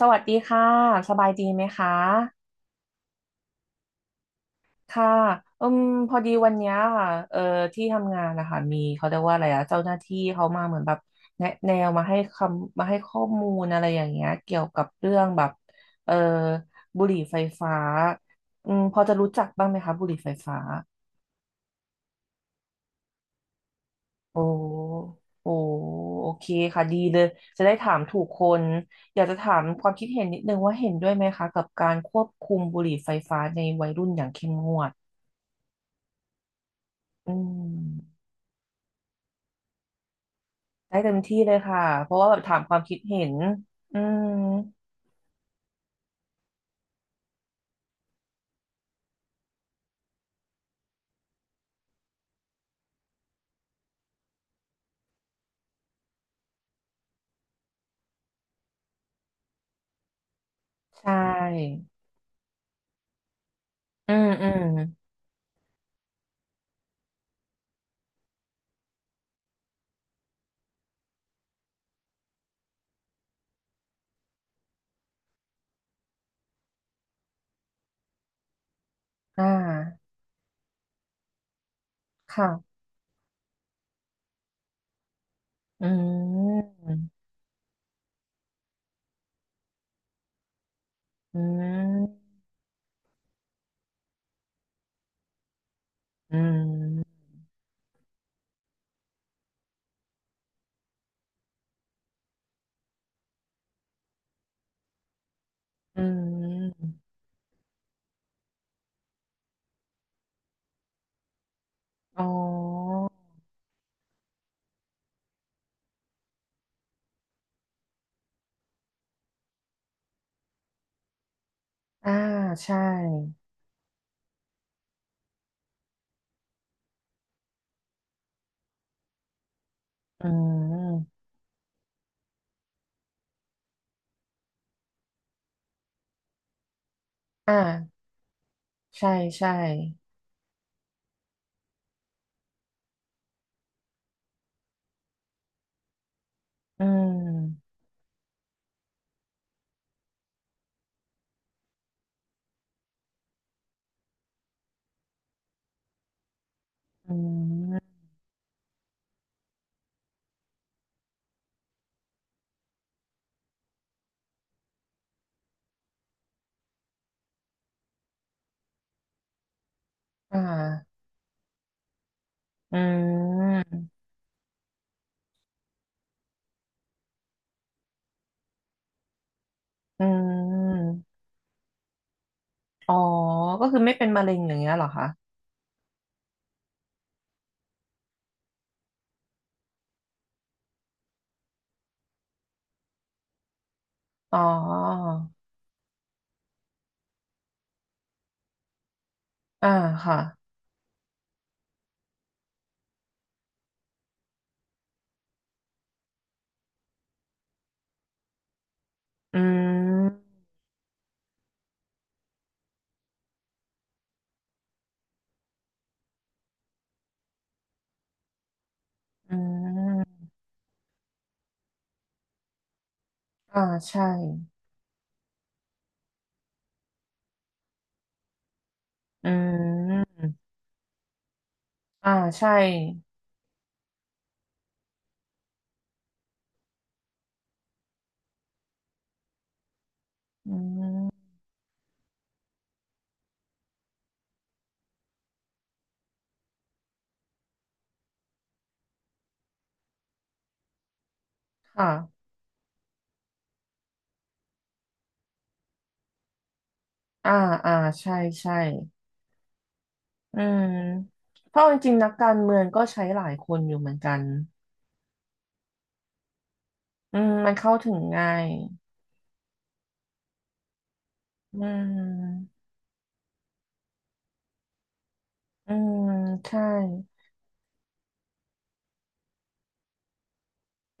สวัสดีค่ะสบายดีไหมคะค่ะอืมพอดีวันเนี้ยค่ะที่ทำงานนะคะมีเขาเรียกว่าอะไรอะเจ้าหน้าที่เขามาเหมือนแบบแนะแนวมาให้คำมาให้ข้อมูลอะไรอย่างเงี้ยเกี่ยวกับเรื่องแบบเอ่อบุหรี่ไฟฟ้าอืมพอจะรู้จักบ้างไหมคะบุหรี่ไฟฟ้าโอ้โอ้โอเคค่ะดีเลยจะได้ถามถูกคนอยากจะถามความคิดเห็นนิดนึงว่าเห็นด้วยไหมคะกับการควบคุมบุหรี่ไฟฟ้าในวัยรุ่นอย่างเข้มงวด อืมได้เต็มที่เลยค่ะเพราะว่าแบบถามความคิดเห็นอืมใช่อืมอืมอ่าค่ะอืมอืมอืมอืมอ๋ออ่าใช่อืมอ่าใช่ใช่อืมอืมอ่าอืมอืมอ๋อก็คือไม่เป็นมะเร็งอย่างเงี้ยเหรอคะอ๋ออ่าค่ะ อืมอืมอ่าใช่อืมอ่าใช่อืมค่ะอ่าอ่าใช่ใช่อืมเพราะจริงๆนักการเมืองก็ใช้หลายคนอยู่เหมือนกันอืมมันเข้าถึงง่าย อืมอืมใช่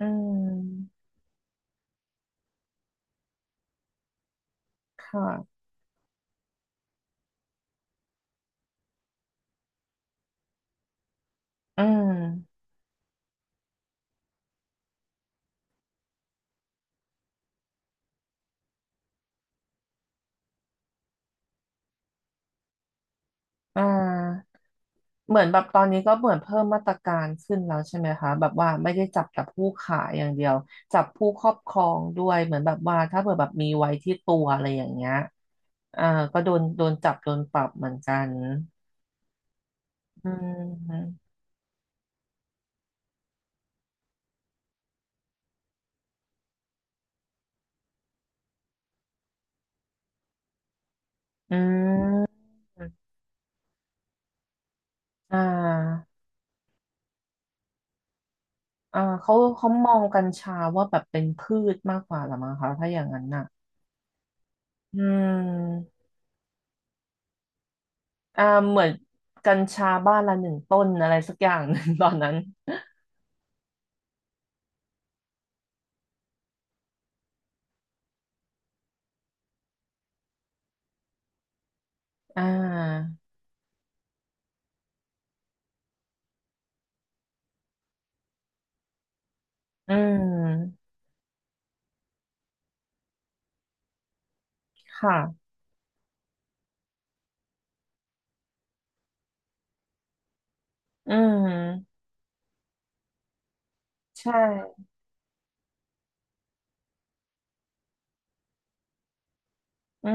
อืมค่ะอืมอ่า เหมือนแบบตอนนี้ก็เหมือนเพิ่มมาตรการขึ้นแล้วใช่ไหมคะแบบว่าไม่ได้จับแต่ผู้ขายอย่างเดียวจับผู้ครอบครองด้วยเหมือนแบบว่าถ้าเผื่อแบบมีไว้ที่ตัวอะไรอย่างเงี้ยอ่าก็โดนจับโดนปรับเหมือนกันอืมอืมอ่าอ่าเขาเขามองกัญชาว่าแบบเป็นพืชมากกว่าหรือมั้งคะถ้าอย่างนั้นน่ะอืมอ่าเหมือนกัญชาบ้านละหนึ่งต้นอะไรสักอย่าง หนึ่งตอนนั้นอ่าอืม ค่ะอืมใช่อื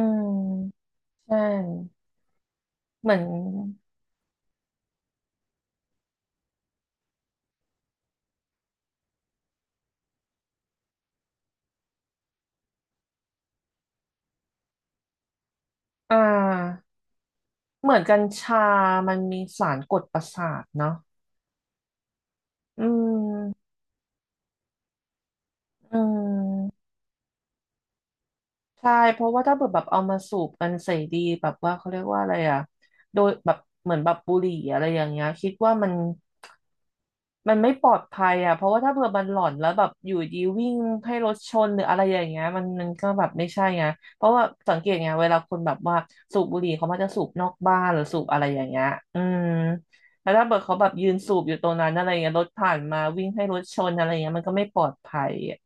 ม ใช่ เหมือน อ่าเหมือนกัญชามันมีสารกดประสาทเนาะอืมอืมใช่เพราะว่าถ้าเกิดแบบเอามาสูบกันเสรีแบบว่าเขาเรียกว่าอะไรอะโดยแบบเหมือนแบบบุหรี่อะไรอย่างเงี้ยคิดว่ามัน มันไม่ปลอดภัยอ่ะ เพราะว่าถ้าเผื่อมันหลอนแล้วแบบอยู่ดีวิ่งให้รถชนหรืออะไรอย่างเงี้ยมันก็แบบไม่ใช่ไงเพราะว่าสังเกตไงเวลาคนแบบว่าสูบบุหรี่เขามักจะสูบนอกบ้านหรือสูบอะไรอย่างเงี้ยอืมแล้วถ้าเกิดเขาแบบยืนสูบอยู่ตรงนั้นอะไรเงี้ยรถผ่านมาวิ่งให้รถชนอะไรเงี้ยมันก็ไม่ปลอดภัยอะ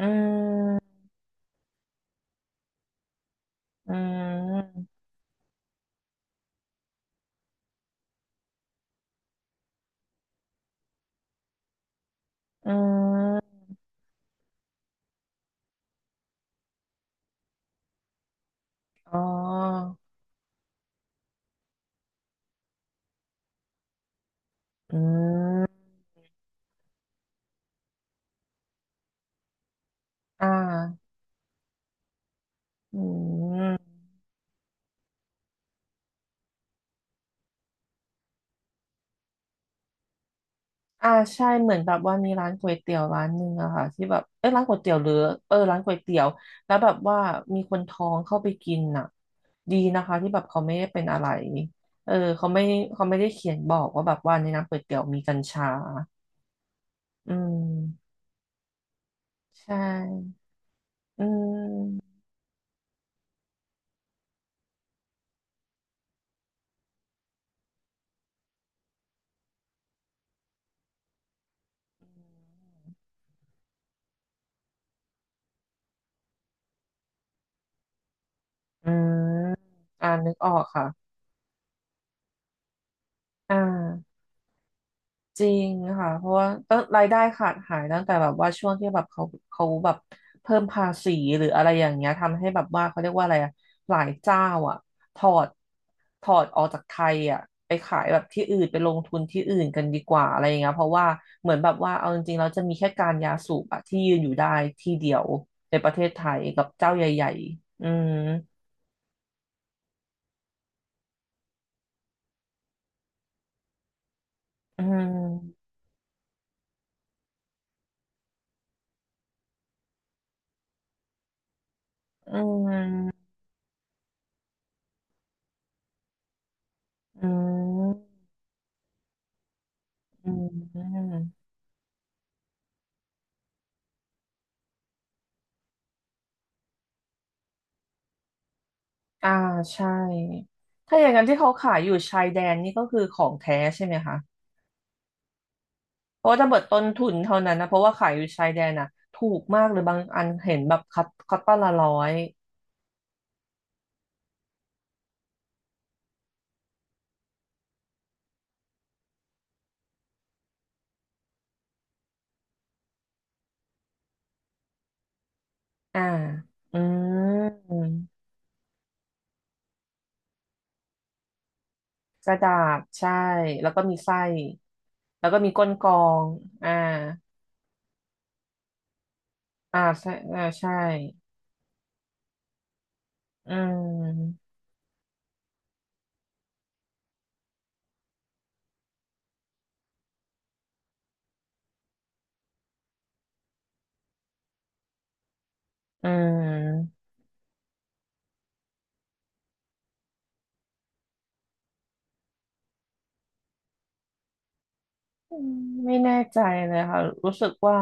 อืมอืมอืมอ๋ออืมอ่าอืม อ่าใช่เหมือนแบบว่ามีร้านก๋วยเตี๋ยวร้านหนึ่งอะค่ะที่แบบเอ้ยร้านก๋วยเตี๋ยวหรือเออร้านก๋วยเตี๋ยวแล้วแบบว่ามีคนท้องเข้าไปกินน่ะดีนะคะที่แบบเขาไม่ได้เป็นอะไรเออเขาไม่เขาไม่ได้เขียนบอกว่าแบบว่าในน้ำก๋วยเตี๋ยวมีกัญชาอืมใช่อืมอืมอ่านึกออกค่ะอ่า จริงค่ะเพราะว่าตั้งรายได้ขาดหายตั้งแต่แบบว่าช่วงที่แบบเขาแบบเพิ่มภาษีหรืออะไรอย่างเงี้ยทำให้แบบว่าเขาเรียกว่าอะไรอะหลายเจ้าอ่ะถอดถอดออกจากไทยอ่ะไปขายแบบที่อื่นไปลงทุนที่อื่นกันดีกว่าอะไรอย่างเงี้ยเพราะว่าเหมือนแบบว่าเอาจริงๆแล้วจะมีแค่การยาสูบอะที่ยืนอยู่ได้ที่เดียวในประเทศไทยกับเจ้าใหญ่ๆอืมอืมอืมอืมอืม อ่าใช่ถ้าอย่างนั้นที่เขาขายอยู่ชายแดนนี่ก็คือของแท้ใช่ไหมคะเพราะว่าถ้าเบิดต้นทุนเท่านั้นนะเพราะว่าขายอยู่ชายแดนน่ะถูกมากเลยบางอันเห็นแบบคัตคัตตอนละร้อยอ่าอืมกระดาษใช่แล้วก็มีไส้แล้วก็มีก้นกรองอ่าอ่าใช่อ่าใช่อืมอืมไม่แน่ใจเลยค่ะรู้สึกว่า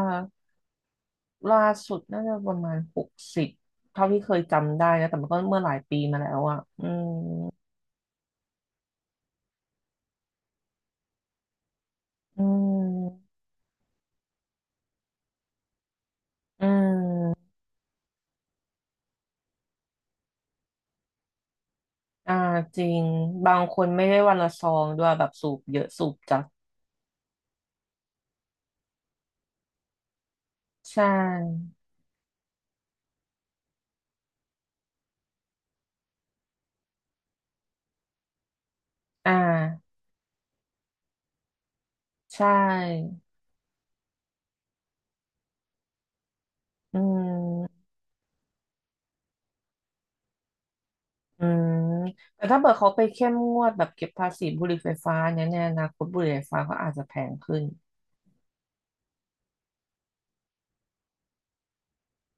ล่าสุดน่าจะประมาณ60เท่าที่เคยจำได้นะแต่มันก็เมื่อหลายปีมาแล้วอ่ะอืมอืมอืมอ่าจริงบางคนไม่ได้วันละซองด้วยแบบสูบเยอะสูบจัดใช่อ่าใช่อืมอืมแต่ถ้าเกิดเขาไปเข้มงวดแบบเก็บภาษีบุหรี่ไฟฟ้าเนี่ยในอนาคตบุหรี่ไฟฟ้าก็อาจจะแพงขึ้น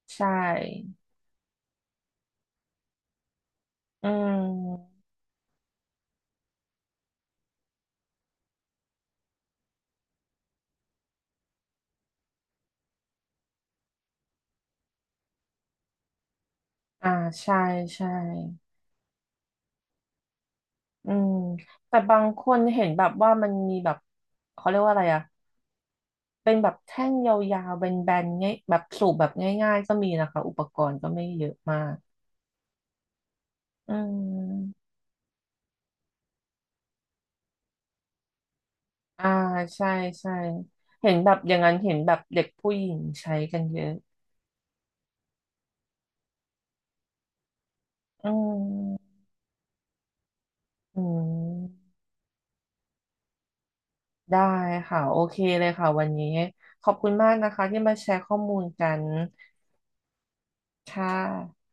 ใช่อืมอ่าใช่ใช่ อืมแต่บางคนเห็นแบบว่ามันมีแบบเขาเรียกว่าอะไรอะเป็นแบบแท่งยาวๆแบนๆง่ายแบบสูบแบบง่ายๆก็มีนะคะอุปกรณ์ก็ไม่เยอะมากอืมอ่าใช่ใช่เห็นแบบอย่างนั้นเห็นแบบเด็กผู้หญิงใช้กันเยอะอืมอืมได้ค่ะโอเคเลยค่ะวันนี้ขอบคุณมากนะคะที่มาแชร์ข้อมูลกันค่ะ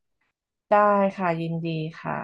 ได้ค่ะยินดีค่ะ